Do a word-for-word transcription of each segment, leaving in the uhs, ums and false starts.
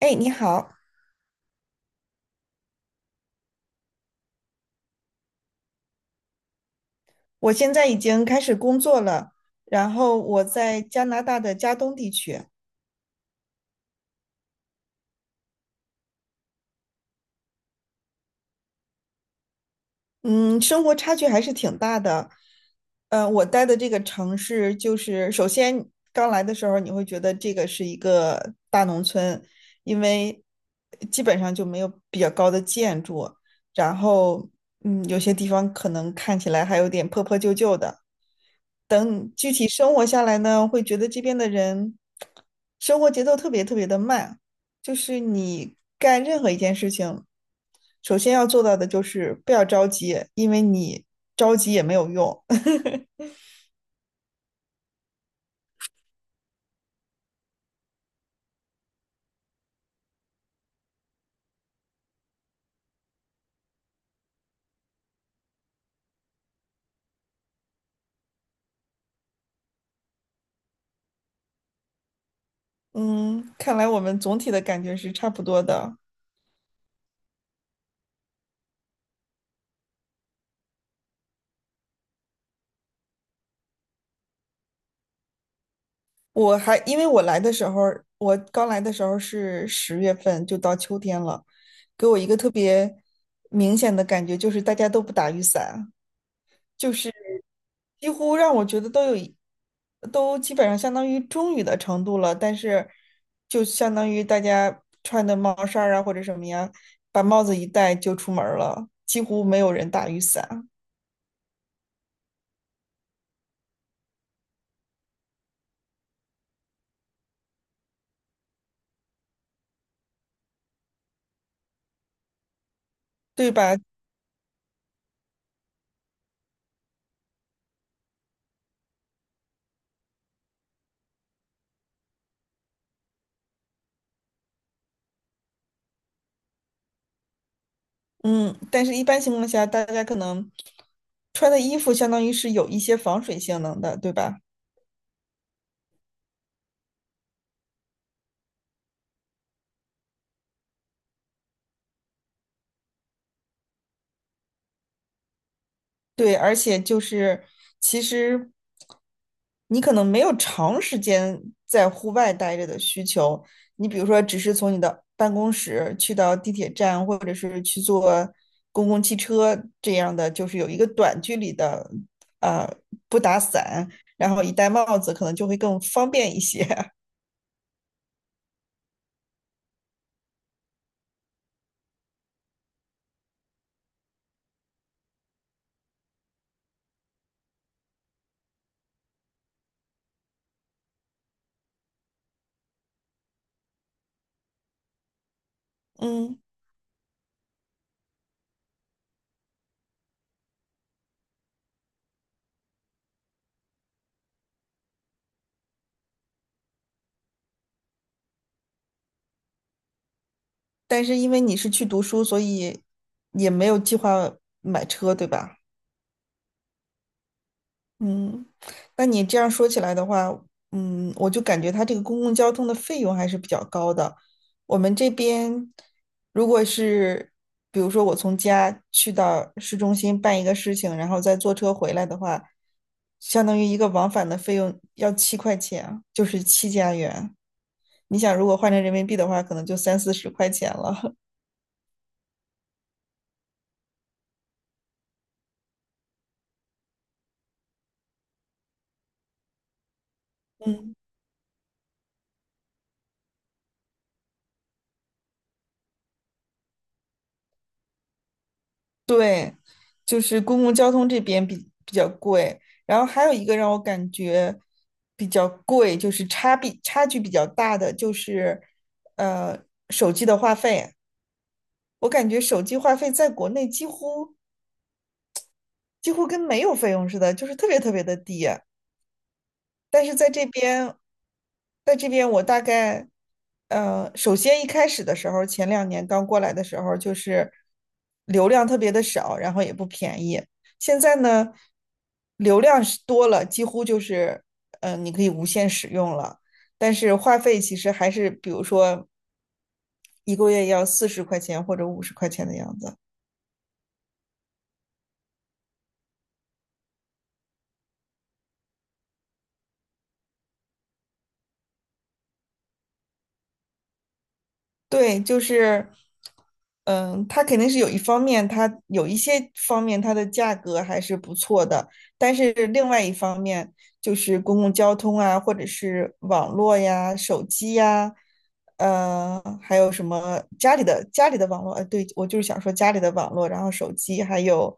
哎，你好，我现在已经开始工作了，然后我在加拿大的加东地区。嗯，生活差距还是挺大的。呃，我待的这个城市，就是首先刚来的时候，你会觉得这个是一个大农村，因为基本上就没有比较高的建筑。然后嗯，有些地方可能看起来还有点破破旧旧的。等具体生活下来呢，会觉得这边的人生活节奏特别特别的慢，就是你干任何一件事情，首先要做到的就是不要着急，因为你着急也没有用。嗯，看来我们总体的感觉是差不多的。我还因为我来的时候，我刚来的时候是十月份，就到秋天了，给我一个特别明显的感觉就是大家都不打雨伞。就是几乎让我觉得都有一都基本上相当于中雨的程度了。但是，就相当于大家穿的帽衫儿啊或者什么呀，把帽子一戴就出门儿了，几乎没有人打雨伞，对吧？嗯，但是一般情况下，大家可能穿的衣服相当于是有一些防水性能的，对吧？对，而且就是其实你可能没有长时间在户外待着的需求，你比如说只是从你的办公室去到地铁站，或者是去坐公共汽车这样的，就是有一个短距离的，呃，不打伞，然后一戴帽子，可能就会更方便一些。嗯，但是因为你是去读书，所以也没有计划买车，对吧？嗯，那你这样说起来的话，嗯，我就感觉它这个公共交通的费用还是比较高的。我们这边如果是，比如说我从家去到市中心办一个事情，然后再坐车回来的话，相当于一个往返的费用要七块钱，就是七加元。你想，如果换成人民币的话，可能就三四十块钱了。嗯对，就是公共交通这边比比较贵，然后还有一个让我感觉比较贵，就是差比差距比较大的就是呃手机的话费。我感觉手机话费在国内几乎几乎跟没有费用似的，就是特别特别的低。但是在这边，在这边我大概，呃，首先一开始的时候，前两年刚过来的时候，就是流量特别的少，然后也不便宜。现在呢，流量是多了，几乎就是，嗯、呃你可以无限使用了。但是话费其实还是，比如说一个月要四十块钱或者五十块钱的样子。对，就是，嗯，它肯定是有一方面，它有一些方面它的价格还是不错的，但是另外一方面就是公共交通啊，或者是网络呀、手机呀，呃，还有什么家里的家里的网络，呃，对，我就是想说家里的网络，然后手机，还有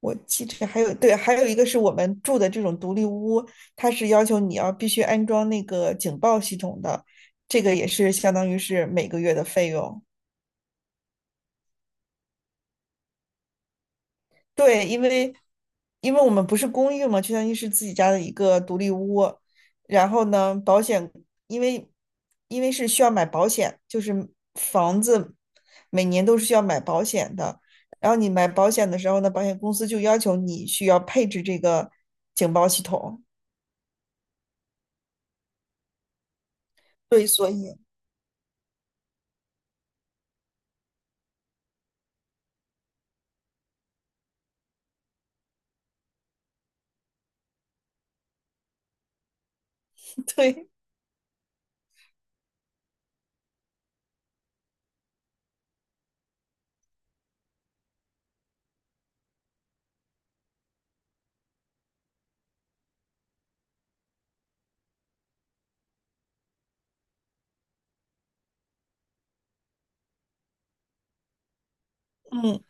我记着还有对，还有一个是我们住的这种独立屋，它是要求你要必须安装那个警报系统的。这个也是相当于是每个月的费用。对，因为因为我们不是公寓嘛，就相当于是自己家的一个独立屋。然后呢，保险因为因为是需要买保险，就是房子每年都是需要买保险的。然后你买保险的时候呢，保险公司就要求你需要配置这个警报系统。对，所以 对，嗯。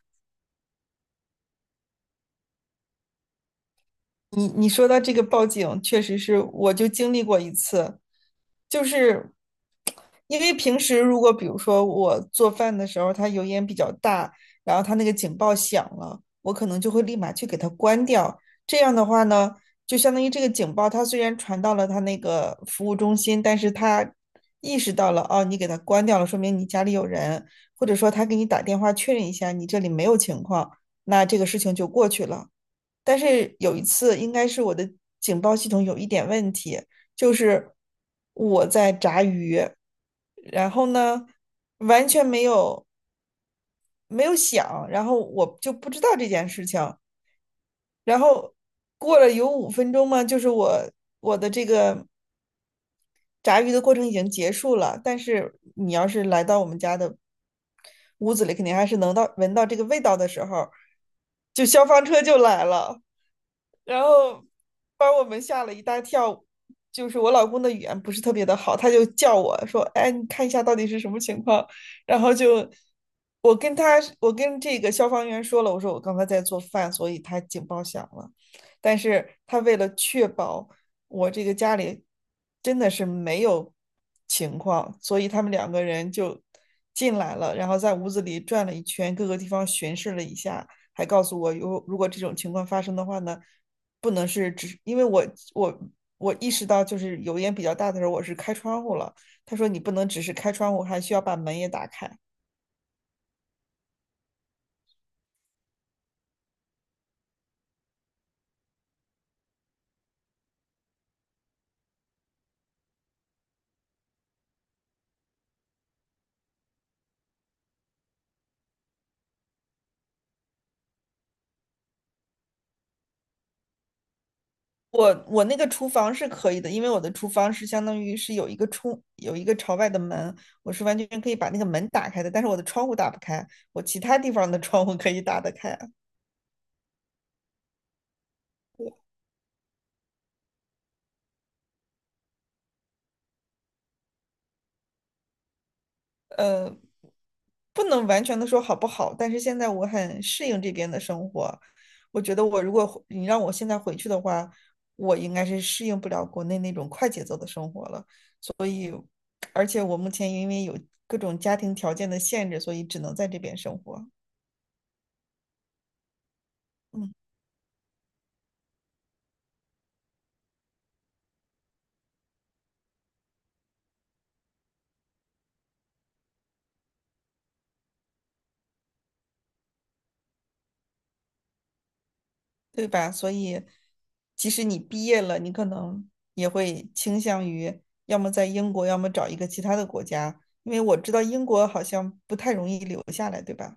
你你说到这个报警，确实是我就经历过一次，就是因为平时如果比如说我做饭的时候，它油烟比较大，然后它那个警报响了，我可能就会立马去给它关掉。这样的话呢，就相当于这个警报它虽然传到了它那个服务中心，但是它意识到了哦，你给它关掉了，说明你家里有人，或者说他给你打电话确认一下你这里没有情况，那这个事情就过去了。但是有一次，应该是我的警报系统有一点问题，就是我在炸鱼，然后呢，完全没有没有响，然后我就不知道这件事情，然后过了有五分钟嘛，就是我我的这个炸鱼的过程已经结束了，但是你要是来到我们家的屋子里，肯定还是能到闻到这个味道的时候，就消防车就来了。然后把我们吓了一大跳。就是我老公的语言不是特别的好，他就叫我说：“哎，你看一下到底是什么情况。”然后就我跟他，我跟这个消防员说了，我说我刚才在做饭，所以他警报响了。但是他为了确保我这个家里真的是没有情况，所以他们两个人就进来了，然后在屋子里转了一圈，各个地方巡视了一下，还告诉我，有如果这种情况发生的话呢，不能是只因为我我我意识到就是油烟比较大的时候，我是开窗户了。他说你不能只是开窗户，还需要把门也打开。我我那个厨房是可以的，因为我的厨房是相当于是有一个冲有一个朝外的门，我是完全可以把那个门打开的，但是我的窗户打不开，我其他地方的窗户可以打得开。不能完全的说好不好，但是现在我很适应这边的生活。我觉得我如果你让我现在回去的话，我应该是适应不了国内那种快节奏的生活了。所以，而且我目前因为有各种家庭条件的限制，所以只能在这边生活，嗯，对吧？所以，即使你毕业了，你可能也会倾向于要么在英国，要么找一个其他的国家，因为我知道英国好像不太容易留下来，对吧？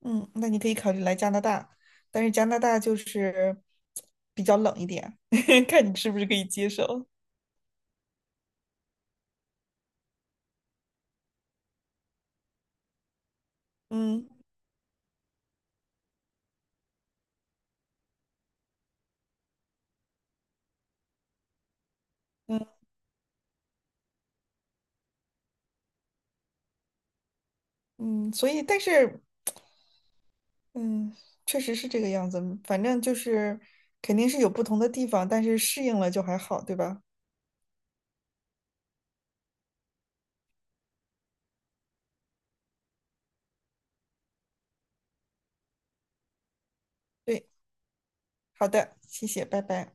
嗯，那你可以考虑来加拿大，但是加拿大就是比较冷一点，看你是不是可以接受。嗯嗯嗯，所以但是嗯，确实是这个样子，反正就是肯定是有不同的地方，但是适应了就还好，对吧？对，好的，谢谢，拜拜。